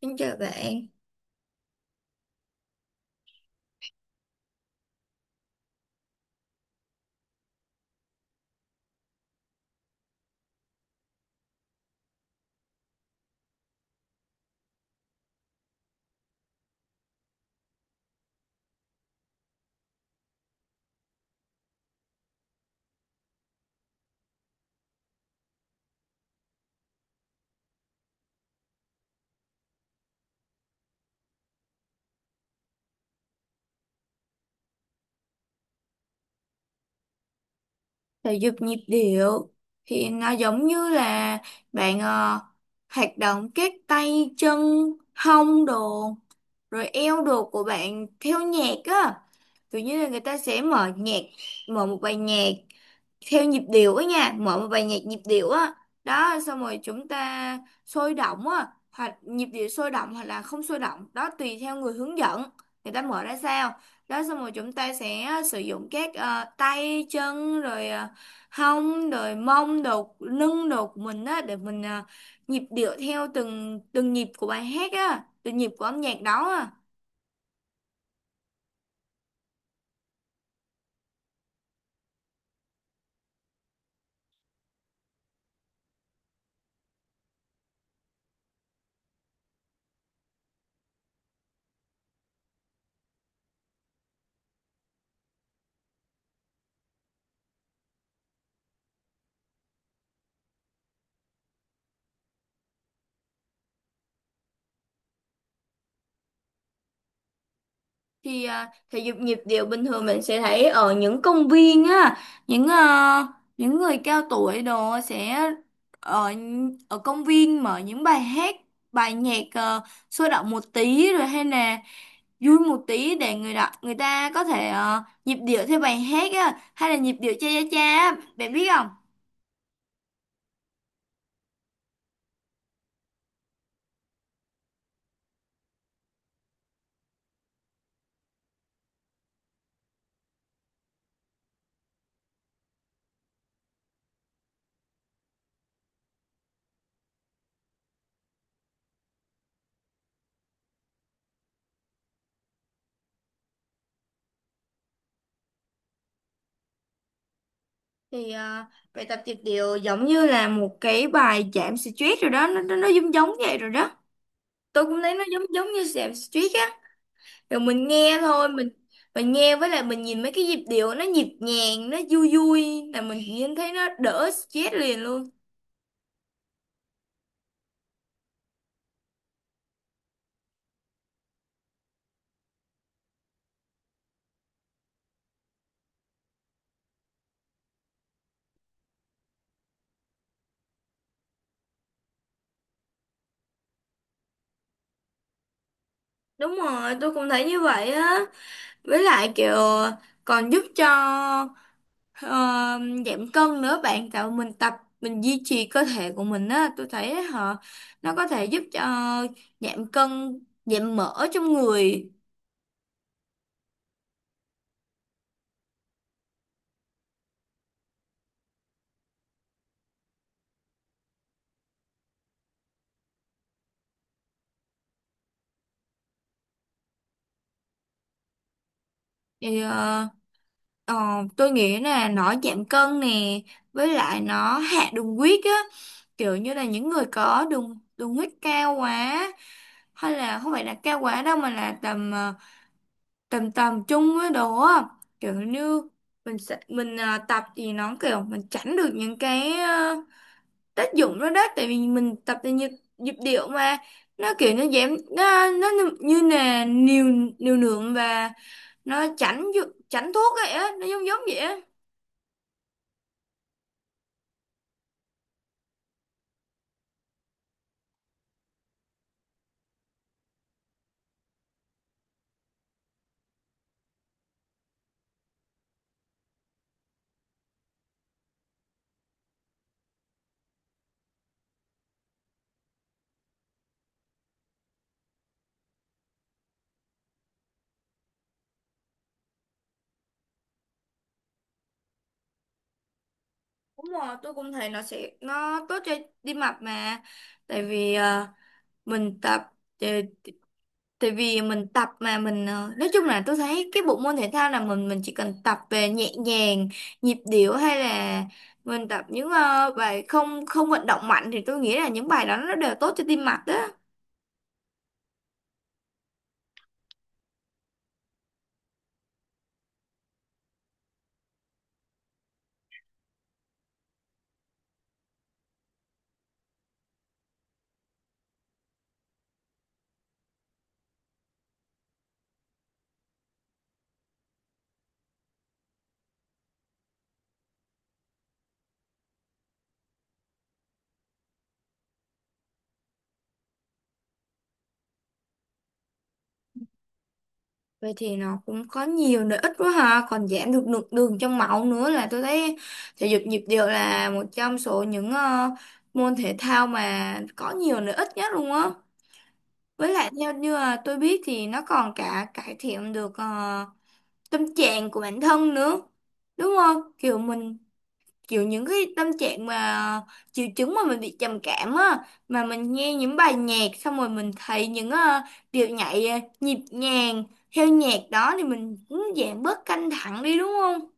Xin chào bạn. Thể dục nhịp điệu thì nó giống như là bạn hoạt động các tay chân hông đồ rồi eo đồ của bạn theo nhạc á, kiểu như là người ta sẽ mở nhạc, mở một bài nhạc theo nhịp điệu á nha, mở một bài nhạc nhịp điệu á. Đó, xong rồi chúng ta sôi động á, hoặc nhịp điệu sôi động hoặc là không sôi động đó, tùy theo người hướng dẫn người ta mở ra sao. Đó, xong rồi chúng ta sẽ sử dụng các tay chân rồi hông rồi mông đồ lưng đồ của mình á, để mình nhịp điệu theo từng từng nhịp của bài hát á, từng nhịp của âm nhạc đó á. Thì thể dục nhịp điệu bình thường mình sẽ thấy ở những công viên á, những những người cao tuổi đồ sẽ ở ở công viên mở những bài hát, bài nhạc sôi động một tí rồi hay là vui một tí để người đọc người ta có thể nhịp điệu theo bài hát á, hay là nhịp điệu cha cha cha á, bạn biết không. Thì bài tập nhịp điệu giống như là một cái bài giảm stress rồi đó, nó giống giống vậy rồi đó. Tôi cũng thấy nó giống giống như giảm stress á. Rồi mình nghe thôi, mình nghe với lại mình nhìn mấy cái nhịp điệu nó nhịp nhàng, nó vui vui là mình nhìn thấy nó đỡ stress liền luôn. Đúng rồi, tôi cũng thấy như vậy á. Với lại kiểu còn giúp cho ờ, giảm cân nữa bạn, tạo mình tập, mình duy trì cơ thể của mình á. Tôi thấy họ, nó có thể giúp cho giảm cân, giảm mỡ trong người. Thì Ờ, tôi nghĩ là nó giảm cân nè, với lại nó hạ đường huyết á. Kiểu như là những người có đường đường huyết cao quá, hay là không phải là cao quá đâu mà là tầm tầm tầm trung với đồ á, kiểu như mình sẽ mình tập thì nó kiểu mình tránh được những cái tác dụng đó đó, tại vì mình tập thì nhịp điệu mà, nó kiểu nó giảm nó như như là liều, liều lượng và nó tránh tránh thuốc vậy á, nó giống giống vậy á. Đúng rồi, tôi cũng thấy nó sẽ nó tốt cho tim mạch mà. Tại vì mình tập, tại tại vì mình tập mà mình nói chung là tôi thấy cái bộ môn thể thao là mình chỉ cần tập về nhẹ nhàng, nhịp điệu, hay là mình tập những bài không không vận động mạnh thì tôi nghĩ là những bài đó nó đều tốt cho tim mạch đó. Vậy thì nó cũng có nhiều lợi ích quá ha, còn giảm được lượng đường trong máu nữa, là tôi thấy thể dục nhịp điệu là một trong số những môn thể thao mà có nhiều lợi ích nhất luôn á. Với lại theo như là tôi biết thì nó còn cả cải thiện được tâm trạng của bản thân nữa. Đúng không? Kiểu mình, kiểu những cái tâm trạng mà triệu chứng mà mình bị trầm cảm á, mà mình nghe những bài nhạc xong rồi mình thấy những điệu nhảy nhịp nhàng theo nhạc đó thì mình cũng giảm bớt căng thẳng đi, đúng không?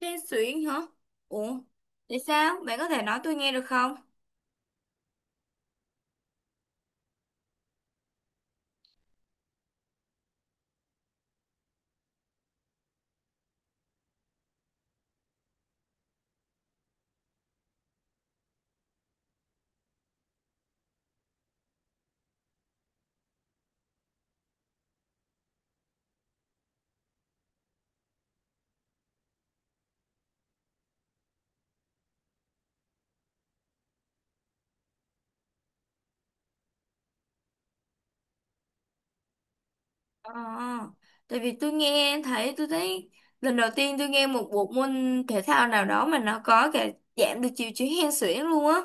Hên xuyễn hả? Ủa? Tại sao? Bạn có thể nói tôi nghe được không? Ờ, tại vì tôi nghe thấy tôi thấy lần đầu tiên tôi nghe một bộ môn thể thao nào đó mà nó có cả giảm được triệu chứng hen suyễn luôn á.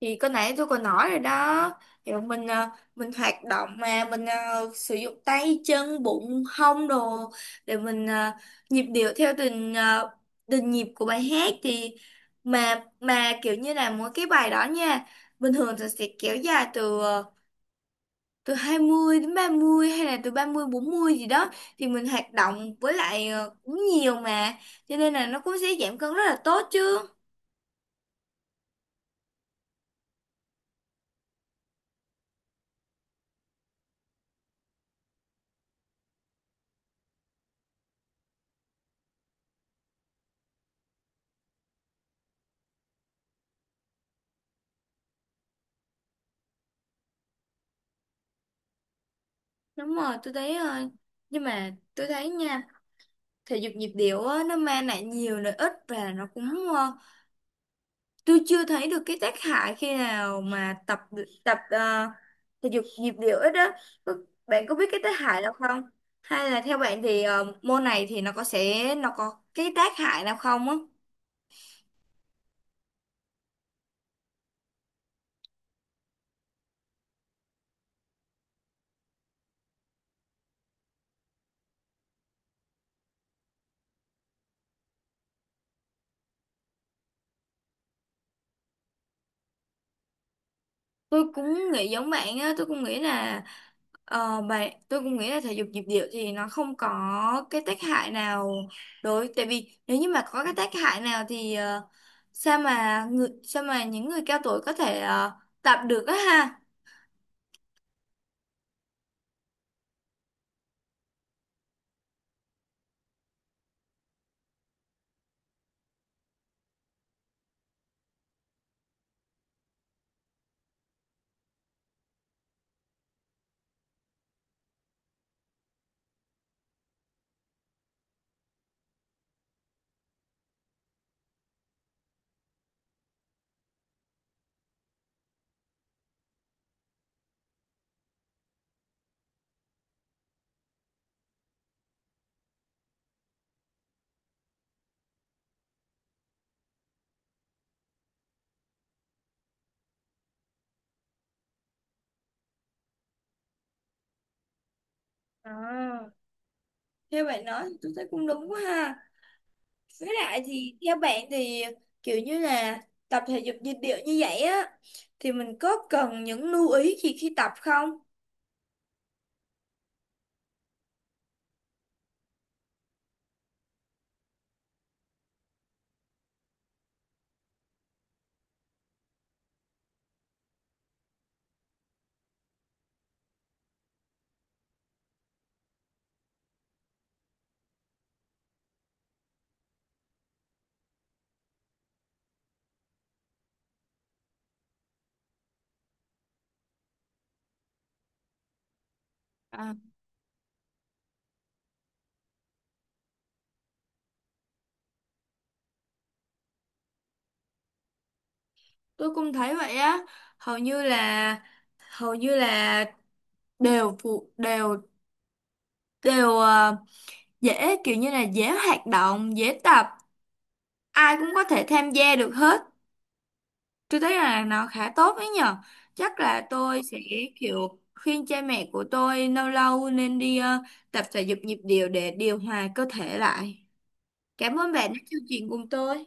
Thì cái nãy tôi còn nói rồi đó, thì bọn mình mình hoạt động mà mình sử dụng tay chân bụng hông đồ để mình nhịp điệu theo từng từng nhịp của bài hát, thì mà kiểu như là mỗi cái bài đó nha, bình thường thì sẽ kéo dài từ từ 20 đến 30, hay là từ 30 40 gì đó, thì mình hoạt động với lại cũng nhiều mà, cho nên là nó cũng sẽ giảm cân rất là tốt chứ. Đúng rồi, tôi thấy nhưng mà tôi thấy nha, thể dục nhịp điệu á, nó mang lại nhiều lợi ích và nó cũng ờ, tôi chưa thấy được cái tác hại khi nào mà tập tập thể dục nhịp điệu ít á. Có- Bạn có biết cái tác hại nào không, hay là theo bạn thì môn này thì nó có cái tác hại nào không á? Tôi cũng nghĩ giống bạn á, tôi cũng nghĩ là ờ, bạn tôi cũng nghĩ là thể dục nhịp điệu thì nó không có cái tác hại nào, đối tại vì nếu như mà có cái tác hại nào thì sao mà những người cao tuổi có thể tập được á ha. À, theo bạn nói thì tôi thấy cũng đúng quá ha. Với lại thì theo bạn thì kiểu như là tập thể dục nhịp điệu như vậy á, thì mình có cần những lưu ý gì khi tập không? À, tôi cũng thấy vậy á. hầu như là Hầu như là đều đều đều ờ, dễ, kiểu như là dễ hoạt động dễ tập, ai cũng có thể tham gia được hết. Tôi thấy là nó khá tốt đấy nhở. Chắc là tôi sẽ kiểu khuyên cha mẹ của tôi lâu lâu nên đi tập thể dục nhịp điệu để điều hòa cơ thể lại. Cảm ơn bạn đã chương trình cùng tôi.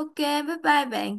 OK, bye bye bạn.